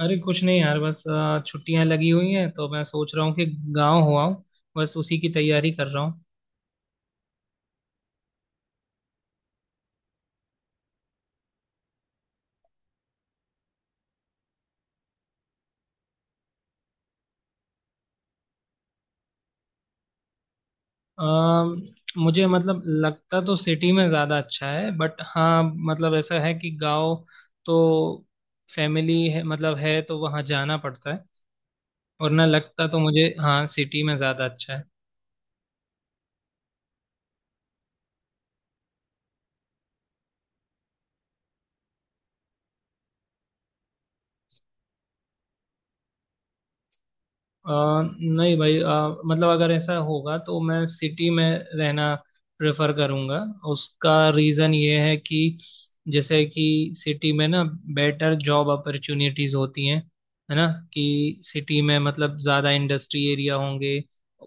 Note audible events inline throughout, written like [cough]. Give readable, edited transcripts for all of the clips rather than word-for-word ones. अरे कुछ नहीं यार बस छुट्टियां लगी हुई हैं तो मैं सोच रहा हूँ कि गांव हो आऊँ। बस उसी की तैयारी कर रहा हूँ। अ, मुझे मतलब लगता तो सिटी में ज़्यादा अच्छा है बट हाँ। मतलब ऐसा है कि गांव तो फैमिली है, मतलब है तो वहाँ जाना पड़ता है। और ना लगता तो मुझे हाँ सिटी में ज़्यादा अच्छा है। नहीं भाई, मतलब अगर ऐसा होगा तो मैं सिटी में रहना प्रेफर करूँगा। उसका रीज़न ये है कि जैसे कि सिटी में ना बेटर जॉब अपॉर्चुनिटीज़ होती हैं, है ना। कि सिटी में मतलब ज़्यादा इंडस्ट्री एरिया होंगे,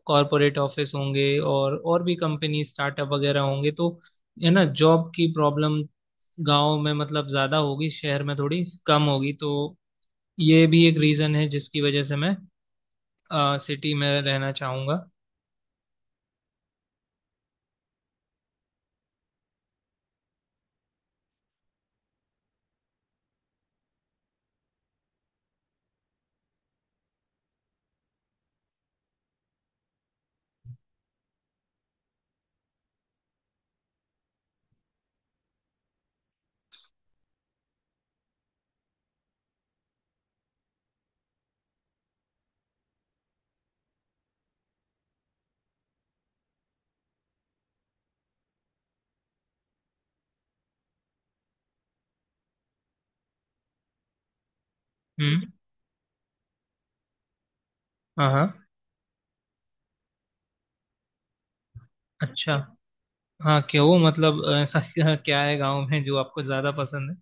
कॉरपोरेट ऑफिस होंगे और भी कंपनी स्टार्टअप वगैरह होंगे, तो है ना। जॉब की प्रॉब्लम गांव में मतलब ज़्यादा होगी, शहर में थोड़ी कम होगी, तो ये भी एक रीज़न है जिसकी वजह से मैं सिटी में रहना चाहूंगा। हम्म। हाँ, हाँ। अच्छा। हाँ, क्यों? मतलब ऐसा [laughs] क्या क्या है गांव में जो आपको ज्यादा पसंद है?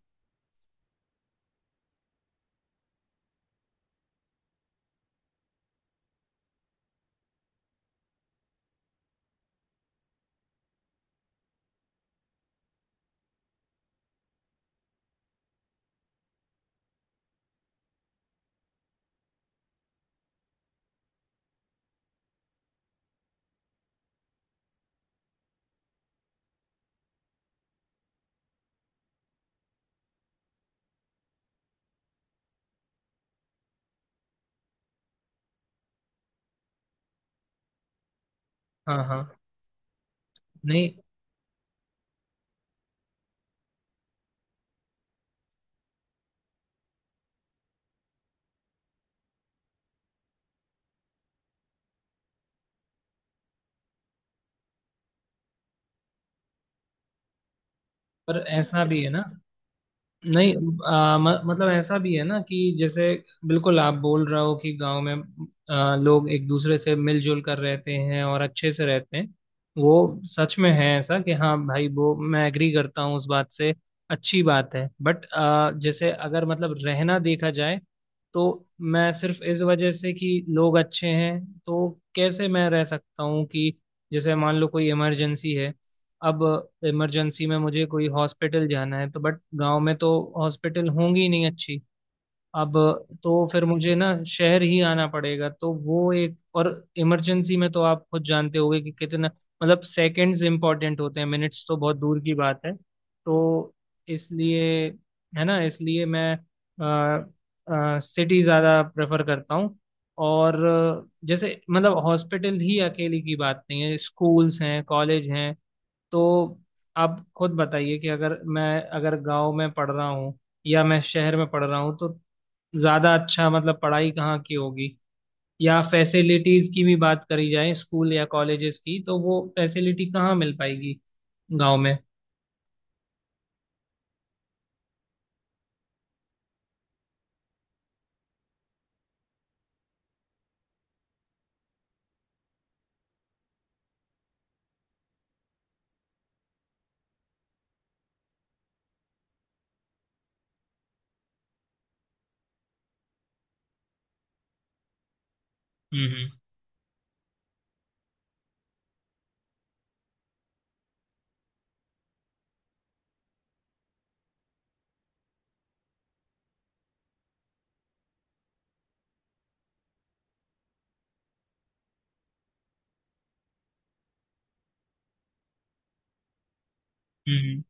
हाँ, हाँ। नहीं। पर ऐसा भी है ना। नहीं, आ, म, मतलब ऐसा भी है ना कि जैसे बिल्कुल आप बोल रहे हो कि गांव में लोग एक दूसरे से मिलजुल कर रहते हैं और अच्छे से रहते हैं। वो सच में है ऐसा कि हाँ भाई, वो मैं एग्री करता हूँ उस बात से। अच्छी बात है बट जैसे अगर मतलब रहना देखा जाए तो मैं सिर्फ इस वजह से कि लोग अच्छे हैं तो कैसे मैं रह सकता हूँ कि जैसे मान लो कोई इमरजेंसी है। अब इमरजेंसी में मुझे कोई हॉस्पिटल जाना है तो बट गांव में तो हॉस्पिटल होंगी नहीं अच्छी। अब तो फिर मुझे ना शहर ही आना पड़ेगा तो वो एक और। इमरजेंसी में तो आप खुद जानते होगे कि कितना मतलब सेकंड्स इंपॉर्टेंट होते हैं, मिनट्स तो बहुत दूर की बात है, तो इसलिए, है ना, इसलिए मैं सिटी ज़्यादा प्रेफर करता हूँ। और जैसे मतलब हॉस्पिटल ही अकेली की बात नहीं है, स्कूल्स हैं, कॉलेज हैं। तो आप खुद बताइए कि अगर गांव में पढ़ रहा हूँ या मैं शहर में पढ़ रहा हूँ, तो ज़्यादा अच्छा मतलब पढ़ाई कहाँ की होगी? या फैसिलिटीज़ की भी बात करी जाए स्कूल या कॉलेजेस की, तो वो फैसिलिटी कहाँ मिल पाएगी गांव में? हम्म, हम्म, हम्म।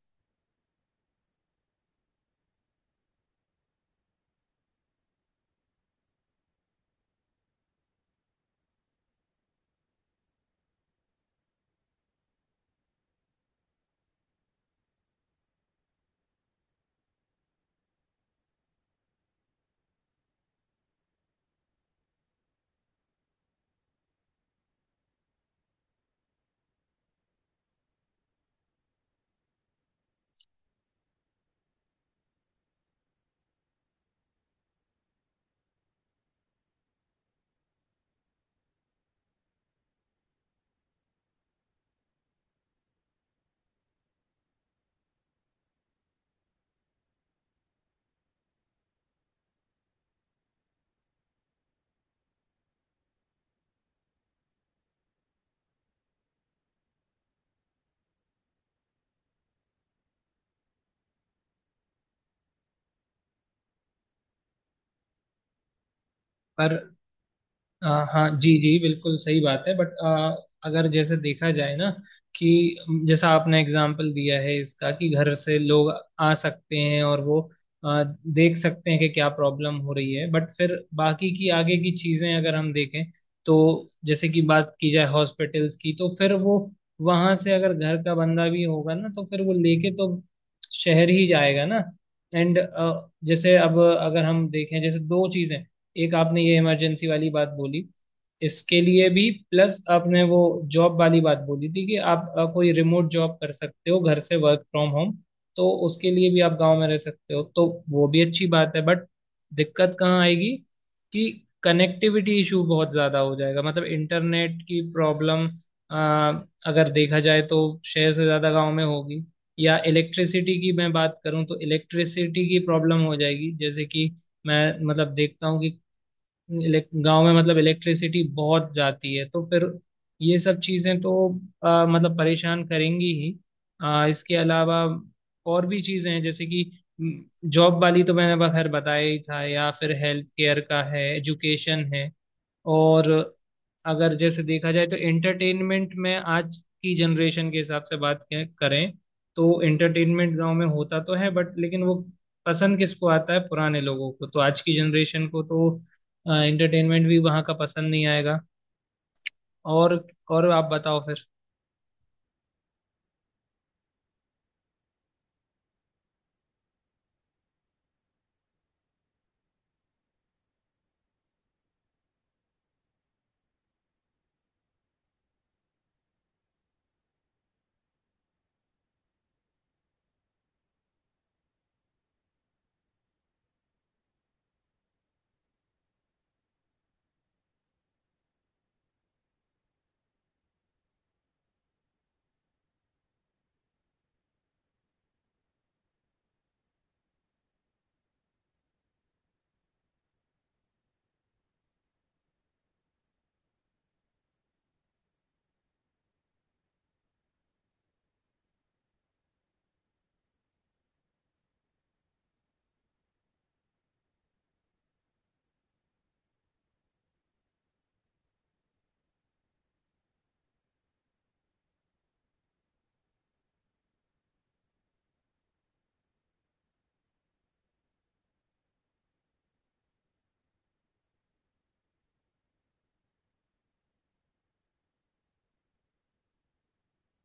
पर अ, हाँ जी, जी, बिल्कुल सही बात है बट अगर जैसे देखा जाए ना कि जैसा आपने एग्जाम्पल दिया है इसका कि घर से लोग आ सकते हैं और वो अ, देख सकते हैं कि क्या प्रॉब्लम हो रही है बट फिर बाकी की आगे की चीजें अगर हम देखें तो जैसे कि बात की जाए हॉस्पिटल्स की, तो फिर वो वहां से अगर घर का बंदा भी होगा ना तो फिर वो लेके तो शहर ही जाएगा ना। एंड जैसे अब अगर हम देखें जैसे दो चीजें, एक आपने ये इमरजेंसी वाली बात बोली, इसके लिए भी, प्लस आपने वो जॉब वाली बात बोली थी कि आप कोई रिमोट जॉब कर सकते हो घर से, वर्क फ्रॉम होम, तो उसके लिए भी आप गांव में रह सकते हो, तो वो भी अच्छी बात है बट दिक्कत कहाँ आएगी कि कनेक्टिविटी इशू बहुत ज़्यादा हो जाएगा, मतलब इंटरनेट की प्रॉब्लम अगर देखा जाए तो शहर से ज़्यादा गांव में होगी। या इलेक्ट्रिसिटी की मैं बात करूं तो इलेक्ट्रिसिटी की प्रॉब्लम हो जाएगी, जैसे कि मैं मतलब देखता हूँ कि इलेक्ट गांव में मतलब इलेक्ट्रिसिटी बहुत जाती है तो फिर ये सब चीजें तो मतलब परेशान करेंगी ही। इसके अलावा और भी चीजें हैं जैसे कि जॉब वाली तो मैंने बखैर बताया ही था, या फिर हेल्थ केयर का है, एजुकेशन है। और अगर जैसे देखा जाए तो एंटरटेनमेंट में आज की जनरेशन के हिसाब से बात करें तो एंटरटेनमेंट गांव में होता तो है बट लेकिन वो पसंद किसको आता है? पुराने लोगों को। तो आज की जनरेशन को तो एंटरटेनमेंट भी वहाँ का पसंद नहीं आएगा। और और आप बताओ फिर।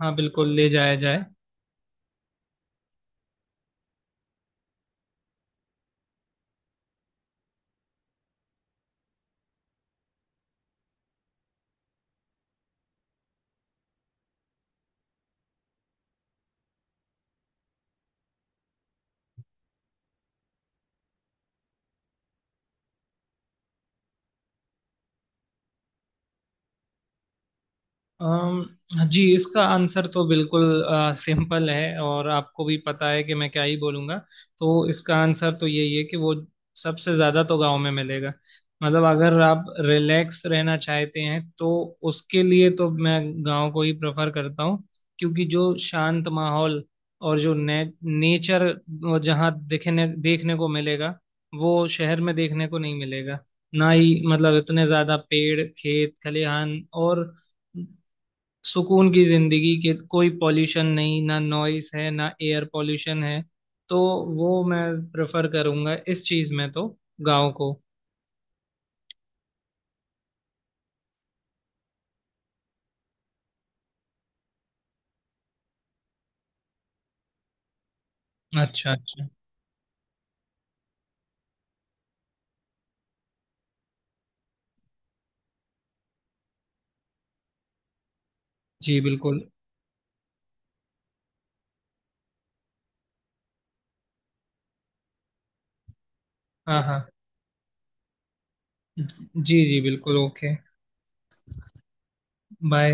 हाँ, बिल्कुल ले जाया जाए। जी, इसका आंसर तो बिल्कुल सिंपल है और आपको भी पता है कि मैं क्या ही बोलूँगा। तो इसका आंसर तो यही है कि वो सबसे ज़्यादा तो गांव में मिलेगा। मतलब अगर आप रिलैक्स रहना चाहते हैं तो उसके लिए तो मैं गांव को ही प्रेफर करता हूँ क्योंकि जो शांत माहौल और जो नेचर जहाँ देखने देखने को मिलेगा वो शहर में देखने को नहीं मिलेगा, ना ही मतलब इतने ज़्यादा पेड़ खेत खलिहान और सुकून की जिंदगी। के कोई पॉल्यूशन नहीं, ना नॉइस है, ना एयर पॉल्यूशन है। तो वो मैं प्रेफर करूंगा इस चीज में तो, गांव को। अच्छा, अच्छा। जी बिल्कुल। हाँ, हाँ। जी, जी, बिल्कुल। ओके। बाय।